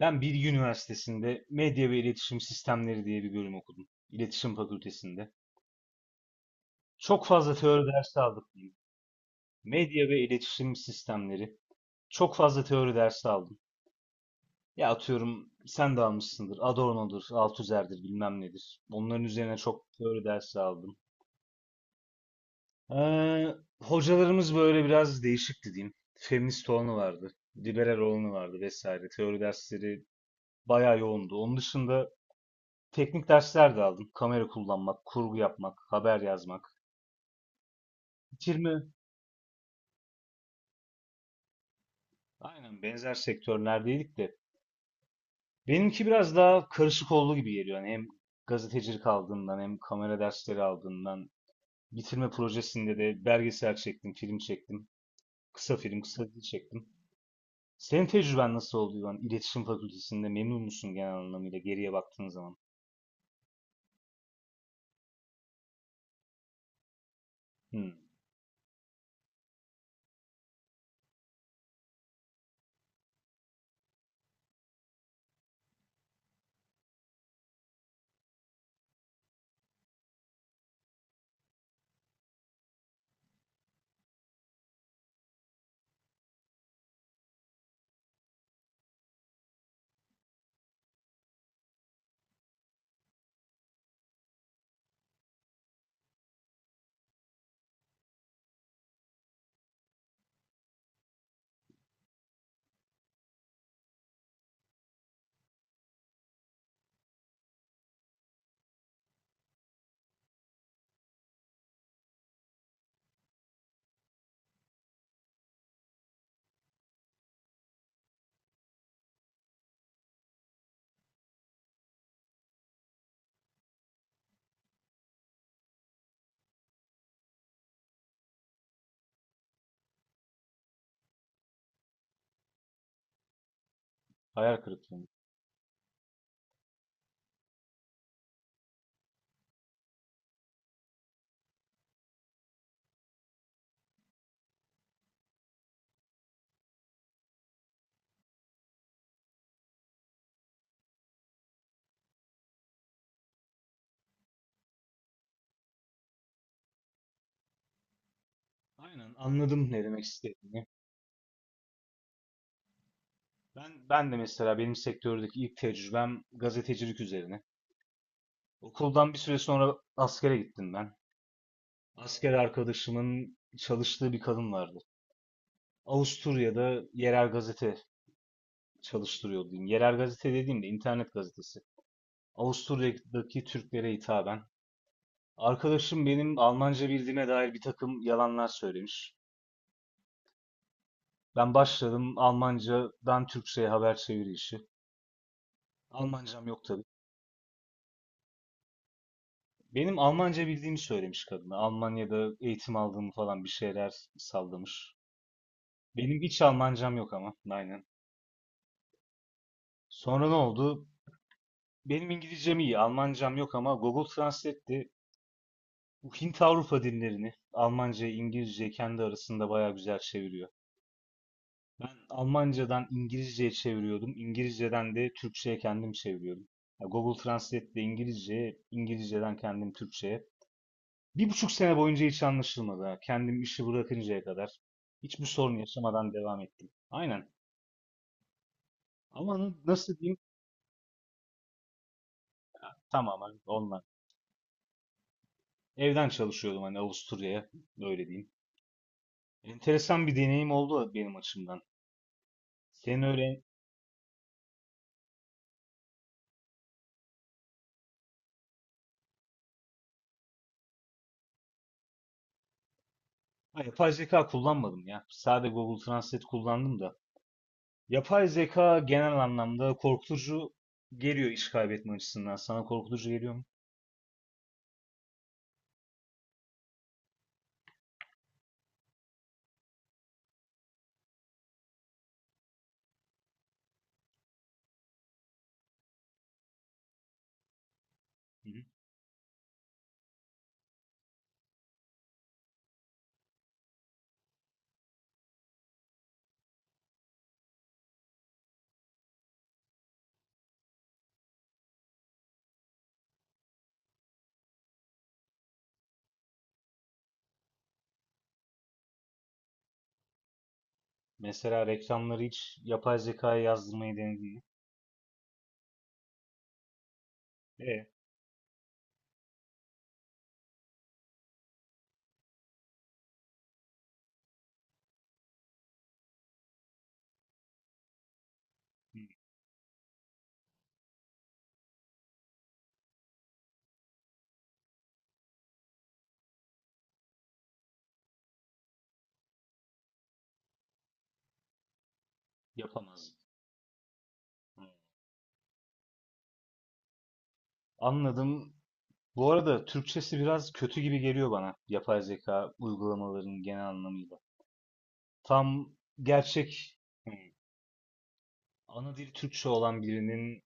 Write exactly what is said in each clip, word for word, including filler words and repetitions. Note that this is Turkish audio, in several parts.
Ben Bilgi Üniversitesi'nde Medya ve İletişim Sistemleri diye bir bölüm okudum. İletişim Fakültesi'nde. Çok fazla teori dersi aldık diyeyim. Medya ve İletişim Sistemleri. Çok fazla teori dersi aldım. Ya atıyorum sen de almışsındır. Adorno'dur, Althusser'dir bilmem nedir. Onların üzerine çok teori dersi aldım. Ee, Hocalarımız böyle biraz değişikti diyeyim. Feminist olanı vardı, liberal olanı vardı vesaire. Teori dersleri bayağı yoğundu. Onun dışında teknik dersler de aldık. Kamera kullanmak, kurgu yapmak, haber yazmak. Bitirme, aynen benzer sektörlerdeydik de. Benimki biraz daha karışık olduğu gibi geliyor. Yani hem gazetecilik aldığımdan hem kamera dersleri aldığımdan. Bitirme projesinde de belgesel çektim, film çektim. Kısa film, kısa dizi çektim. Senin tecrüben nasıl oldu İvan? İletişim Fakültesi'nde memnun musun genel anlamıyla geriye baktığın zaman? Hmm, hayal kırıklığı. Aynen, anladım ne demek istediğini. Ben, ben de mesela benim sektördeki ilk tecrübem gazetecilik üzerine. Okuldan bir süre sonra askere gittim ben. Asker arkadaşımın çalıştığı bir kadın vardı. Avusturya'da yerel gazete çalıştırıyordu diyeyim. Yerel gazete dediğimde internet gazetesi. Avusturya'daki Türklere hitaben. Arkadaşım benim Almanca bildiğime dair bir takım yalanlar söylemiş. Ben başladım Almancadan Türkçe'ye haber çeviri işi. Almancam yok tabii. Benim Almanca bildiğimi söylemiş kadına. Almanya'da eğitim aldığımı falan bir şeyler sallamış. Benim hiç Almancam yok ama. Aynen. Sonra ne oldu? Benim İngilizcem iyi, Almancam yok ama Google Translate'te bu Hint Avrupa dillerini Almanca, İngilizce kendi arasında bayağı güzel çeviriyor. Ben Almancadan İngilizceye çeviriyordum. İngilizceden de Türkçeye kendim çeviriyordum. Ya Google Translate'de İngilizce, İngilizceden kendim Türkçeye. Bir buçuk sene boyunca hiç anlaşılmadı. Ha. Kendim işi bırakıncaya kadar hiçbir sorun yaşamadan devam ettim. Aynen. Ama na- nasıl diyeyim? Tamamen onlar. Evden çalışıyordum hani Avusturya'ya. Öyle diyeyim. Enteresan bir deneyim oldu benim açımdan. Senin öyle. Ha, yapay zeka kullanmadım ya. Sadece Google Translate kullandım da. Yapay zeka genel anlamda korkutucu geliyor iş kaybetme açısından. Sana korkutucu geliyor mu? Hı hı. Mesela reklamları hiç yapay zekaya yazdırmayı denedin mi? E, hı, yapamaz. Anladım. Bu arada Türkçesi biraz kötü gibi geliyor bana. Yapay zeka uygulamalarının genel anlamıyla. Tam gerçek hmm, ana dili Türkçe olan birinin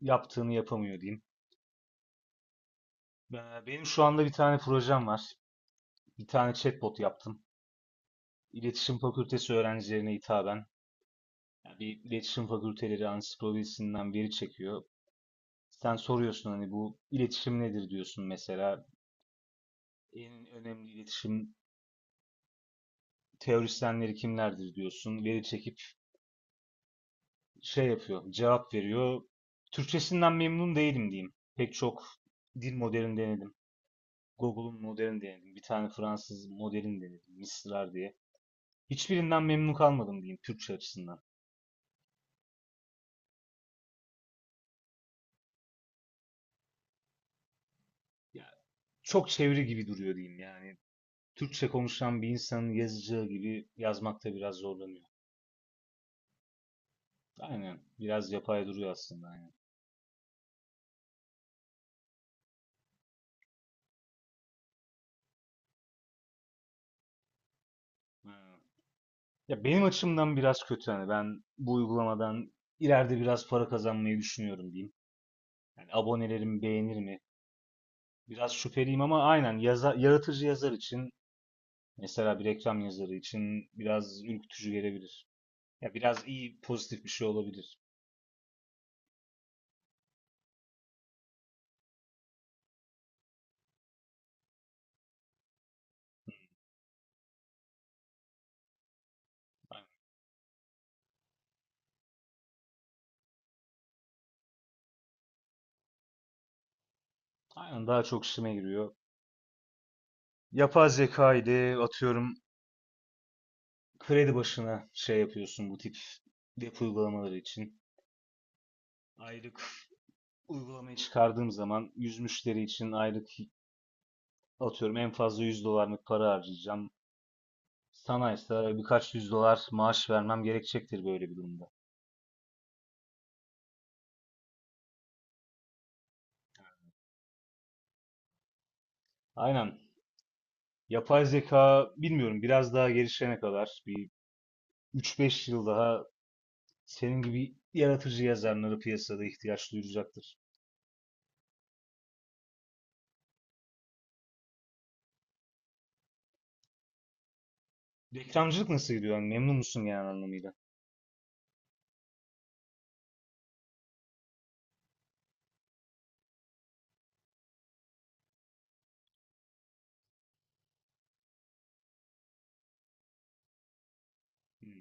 yaptığını yapamıyor diyeyim. Ee, Benim şu anda bir tane projem var. Bir tane chatbot yaptım. İletişim Fakültesi öğrencilerine hitaben. Yani bir iletişim fakülteleri ansiklopedisinden veri çekiyor. Sen soruyorsun hani bu iletişim nedir diyorsun mesela. En önemli iletişim teorisyenleri kimlerdir diyorsun. Veri çekip şey yapıyor, cevap veriyor. Türkçesinden memnun değilim diyeyim. Pek çok dil modelini denedim. Google'un modelini denedim. Bir tane Fransız modelini denedim. Mistral diye. Hiçbirinden memnun kalmadım diyeyim Türkçe açısından. Ya, çok çeviri gibi duruyor diyeyim yani. Türkçe konuşan bir insanın yazacağı gibi yazmakta biraz zorlanıyor. Aynen. Biraz yapay duruyor aslında. Aynen. Aynen. Ya benim açımdan biraz kötü hani ben bu uygulamadan ileride biraz para kazanmayı düşünüyorum diyeyim. Yani abonelerimi beğenir mi? Biraz şüpheliyim ama aynen yaza- yaratıcı yazar için mesela bir reklam yazarı için biraz ürkütücü gelebilir. Ya biraz iyi pozitif bir şey olabilir. Aynen. Aynen, daha çok işime giriyor. Yapay zeka ile atıyorum kredi başına şey yapıyorsun bu tip web uygulamaları için. Aylık uygulamayı çıkardığım zaman yüz müşteri için aylık atıyorum en fazla yüz dolarlık para harcayacağım. Sana ise birkaç yüz dolar maaş vermem gerekecektir böyle bir durumda. Aynen. Yapay zeka bilmiyorum biraz daha gelişene kadar bir üç beş yıl daha senin gibi yaratıcı yazarlara piyasada ihtiyaç duyulacaktır. Reklamcılık nasıl gidiyor? Yani memnun musun genel anlamıyla? Hmm.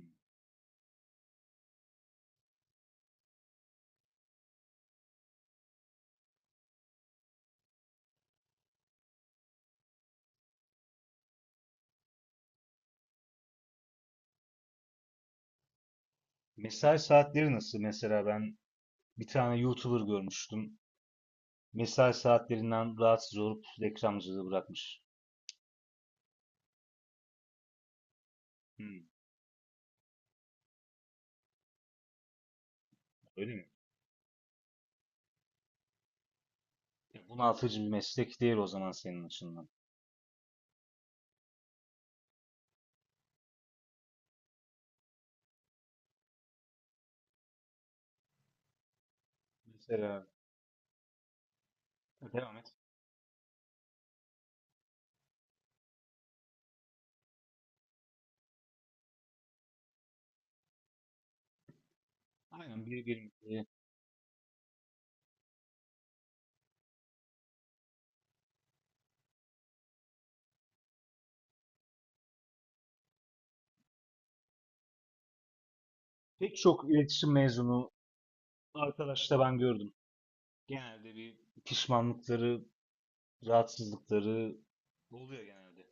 Mesai saatleri nasıl? Mesela ben bir tane YouTuber görmüştüm. Mesai saatlerinden rahatsız olup reklamcılığı bırakmış. Hmm, öyle mi? Ya bunaltıcı bir meslek değil o zaman senin açından. Mesela devam et. Aynen, bir bir. Pek çok iletişim mezunu arkadaş da ben gördüm. Genelde bir pişmanlıkları, rahatsızlıkları oluyor genelde.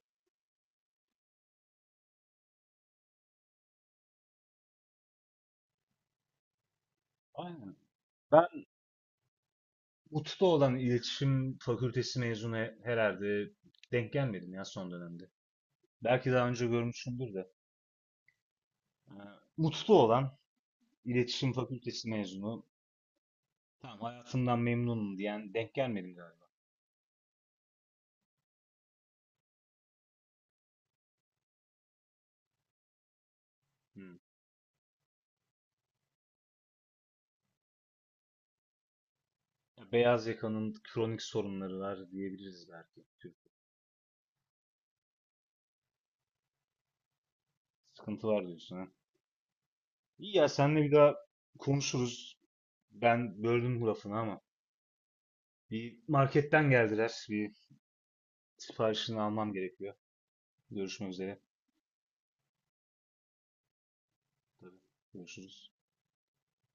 Aynen. Ben Ut'ta olan iletişim fakültesi mezunu he- herhalde denk gelmedim ya son dönemde. Belki daha önce görmüşümdür de. Ee, Ut'ta olan iletişim fakültesi mezunu tamam hayatımdan memnunum diyen denk gelmedim galiba. Hmm. Ya beyaz yakanın kronik sorunları var diyebiliriz belki. Tüh, sıkıntı var diyorsun ha. İyi ya senle bir daha konuşuruz. Ben böldüm bu lafını ama. Bir marketten geldiler. Bir siparişini almam gerekiyor. Görüşmek üzere. Tabii. Görüşürüz.